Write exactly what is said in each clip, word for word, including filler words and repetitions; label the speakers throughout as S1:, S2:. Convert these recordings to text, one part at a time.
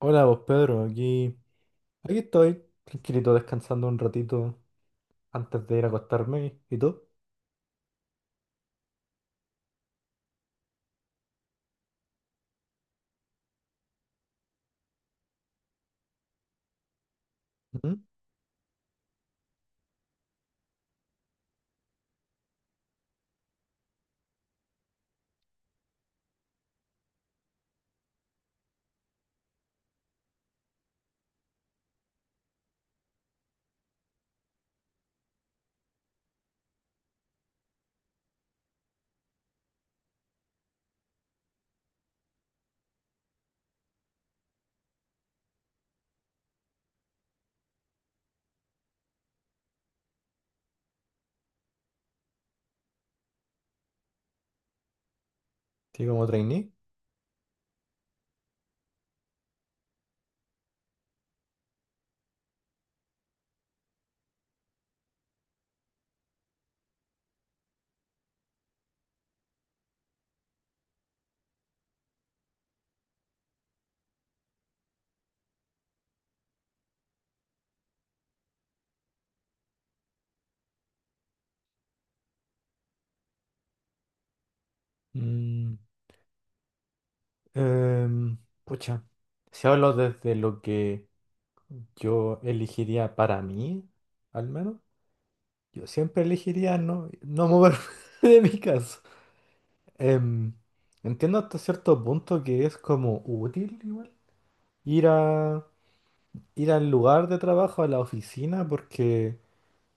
S1: Hola vos Pedro, aquí, aquí estoy, tranquilito, descansando un ratito antes de ir a acostarme. ¿Y tú? ¿Mm? ¿Sí, como trainee? Mm, em, Pucha, si hablo desde lo que yo elegiría para mí, al menos, yo siempre elegiría no, no moverme de mi casa. Em, Entiendo hasta cierto punto que es como útil igual ir a, ir al lugar de trabajo, a la oficina, porque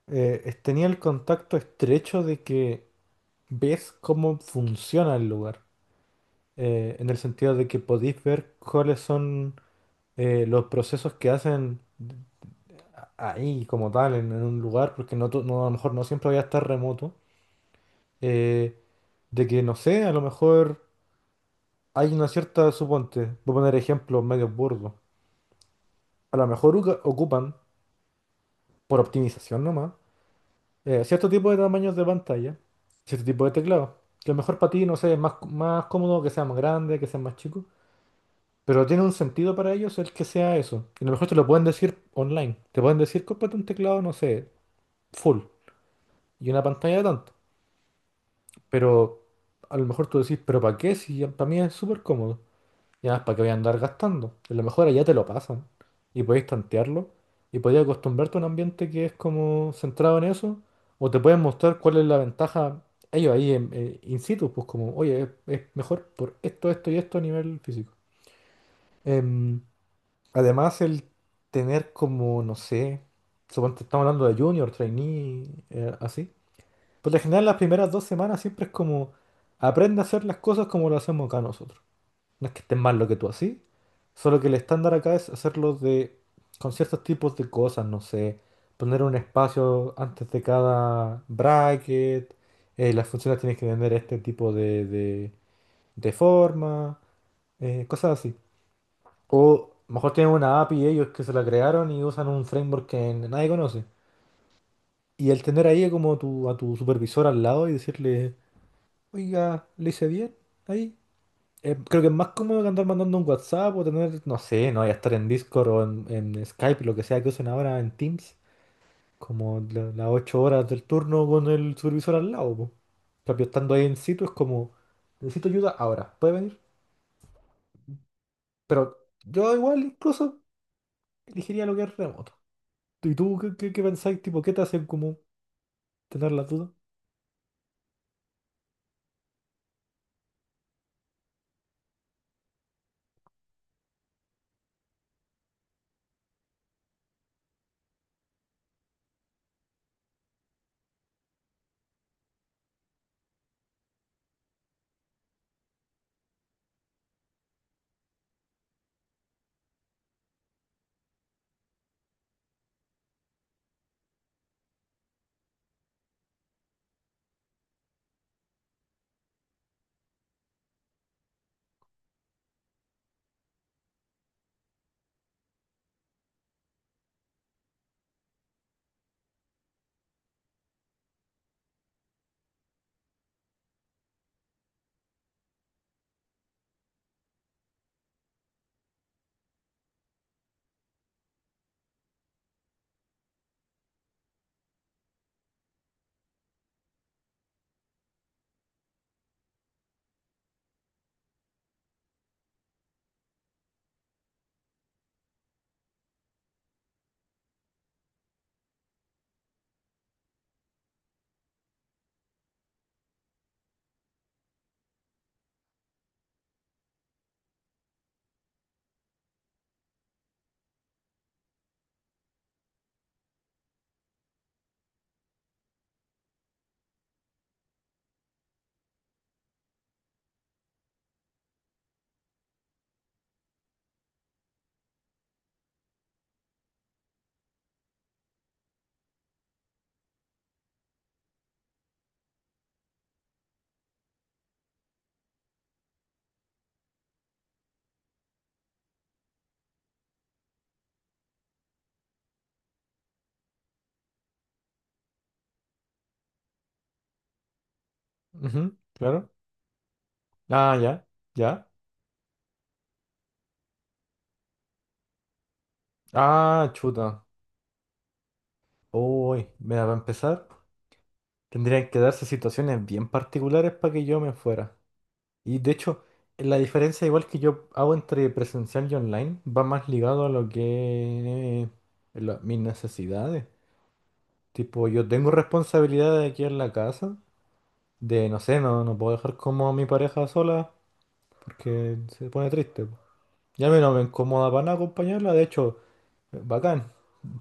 S1: eh, es- tenía el contacto estrecho de que ves cómo funciona el lugar, eh, en el sentido de que podéis ver cuáles son eh, los procesos que hacen ahí como tal, en, en un lugar, porque no, to- no, a lo mejor no siempre voy a estar remoto, eh, de que no sé, a lo mejor hay una cierta, suponte, voy a poner ejemplos medio burdos, a lo mejor uca- ocupan, por optimización nomás, eh, cierto tipo de tamaños de pantalla, cierto tipo de teclado. Que a lo mejor para ti, no sé, es más, más cómodo que sea más grande, que sea más chico. Pero tiene un sentido para ellos el que sea eso. Y a lo mejor te lo pueden decir online. Te pueden decir, cómprate un teclado, no sé, full. Y una pantalla de tanto. Pero a lo mejor tú decís, pero ¿para qué? Si para mí es súper cómodo. Y además, ¿para qué voy a andar gastando? A lo mejor allá te lo pasan y podéis tantearlo y podéis acostumbrarte a un ambiente que es como centrado en eso o te pueden mostrar cuál es la ventaja ellos ahí en, eh, in situ, pues como, oye, es, es mejor por esto, esto y esto a nivel físico. Em, Además, el tener como, no sé, suponte estamos hablando de junior, trainee, eh, así. Por lo general, las primeras dos semanas siempre es como, aprende a hacer las cosas como lo hacemos acá nosotros. No es que esté mal lo que tú haces, solo que el estándar acá es hacerlo de, con ciertos tipos de cosas, no sé, poner un espacio antes de cada bracket, eh, las funciones tienen que tener este tipo de, de- de forma, eh, cosas así. O mejor tienen una A P I ellos que se la crearon y usan un framework que n- nadie conoce. Y el tener ahí como tu, a tu supervisor al lado y decirle, oiga, le hice bien ahí. Eh, creo que es más cómodo que andar mandando un WhatsApp o tener, no sé, no, ya estar en Discord o en, en Skype, lo que sea que usen ahora en Teams, como la- las ocho horas del turno con el supervisor al lado, po. En cambio, estando ahí en sitio es como, necesito ayuda ahora, ¿puede venir? Pero yo igual incluso elegiría lo que es remoto. ¿Y tú qué, qué, qué pensáis? Tipo, ¿qué te hacen como tener la duda? Ujú, claro. Ah, ya, ya. Ah, chuta. Uy, mira, para empezar. Tendrían que darse situaciones bien particulares para que yo me fuera. Y de hecho, la diferencia igual que yo hago entre presencial y online va más ligado a lo que es la- mis necesidades. Tipo, yo tengo responsabilidades aquí en la casa, de no sé, no, no puedo dejar como a mi pareja sola porque se pone triste, po. Y a mí no me incomoda para nada acompañarla, de hecho, eh, bacán.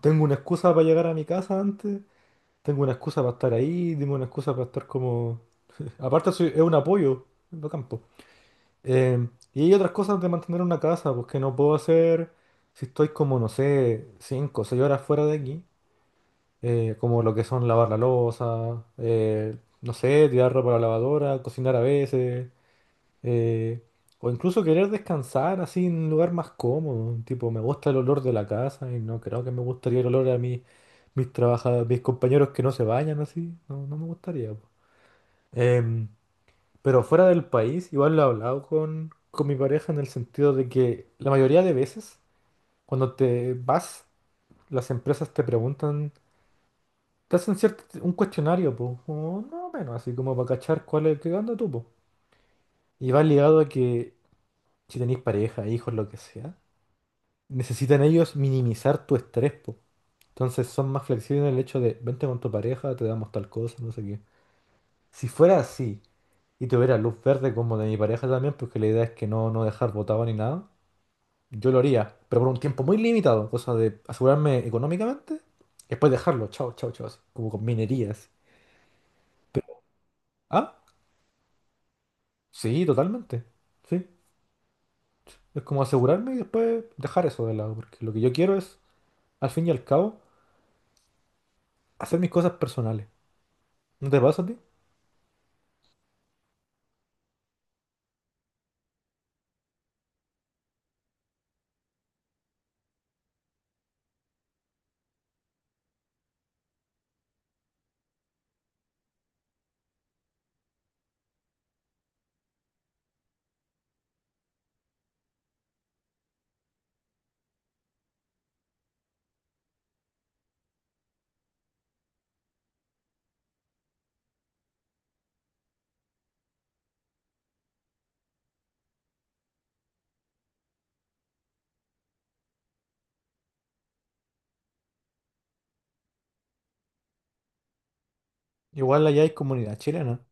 S1: Tengo una excusa para llegar a mi casa antes, tengo una excusa para estar ahí, tengo una excusa para estar como. Aparte soy- es un apoyo, es bacán, po. Eh, y hay otras cosas de mantener una casa, pues que no puedo hacer si estoy como, no sé, cinco o seis horas fuera de aquí, eh, como lo que son lavar la loza, eh, no sé, tirar ropa a la lavadora, cocinar a veces, eh, o incluso querer descansar así en un lugar más cómodo, tipo, me gusta el olor de la casa y no creo que me gustaría el olor a mis, mis trabaja- mis compañeros que no se bañan así, no, no me gustaría, po. Em, pero fuera del país, igual lo he hablado con, con mi pareja en el sentido de que la mayoría de veces, cuando te vas, las empresas te preguntan, te hacen cierto, un cuestionario, pues, o no menos, así como para cachar cuál es qué anda tú, po. Y va ligado a que si tenéis pareja, hijos, lo que sea, necesitan ellos minimizar tu estrés, po. Entonces son más flexibles en el hecho de, vente con tu pareja, te damos tal cosa, no sé qué. Si fuera así, y tuviera luz verde como de mi pareja también, porque la idea es que no, no dejar botado ni nada. Yo lo haría, pero por un tiempo muy limitado, cosa de asegurarme económicamente, después dejarlo, chao, chao, chao, así, como con minerías. Pero, ah, sí, totalmente. Sí, es como asegurarme y después dejar eso de lado, porque lo que yo quiero es, al fin y al cabo, hacer mis cosas personales. ¿No te pasa a ti? Igual allá hay comunidad chilena.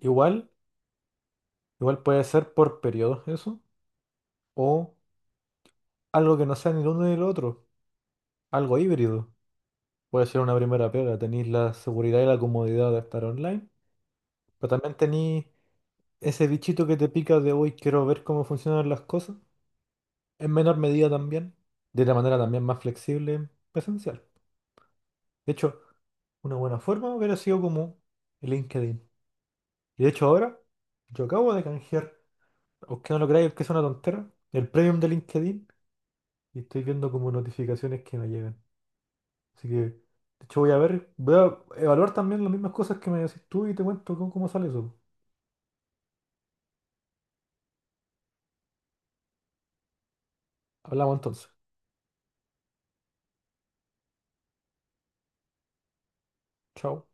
S1: Igual, igual puede ser por periodos eso, o algo que no sea ni el uno ni el otro, algo híbrido. Puede ser una primera pega, tenéis la seguridad y la comodidad de estar online, pero también tenéis ese bichito que te pica de hoy quiero ver cómo funcionan las cosas, en menor medida también, de la manera también más flexible, presencial. De hecho, una buena forma hubiera sido como el LinkedIn. Y de hecho ahora, yo acabo de canjear, aunque no lo creáis, que es una tontera, el premium de LinkedIn y estoy viendo como notificaciones que me llegan. Así que, de hecho voy a ver, voy a evaluar también las mismas cosas que me decís tú y te cuento cómo cómo sale eso. Hablamos entonces. Chao.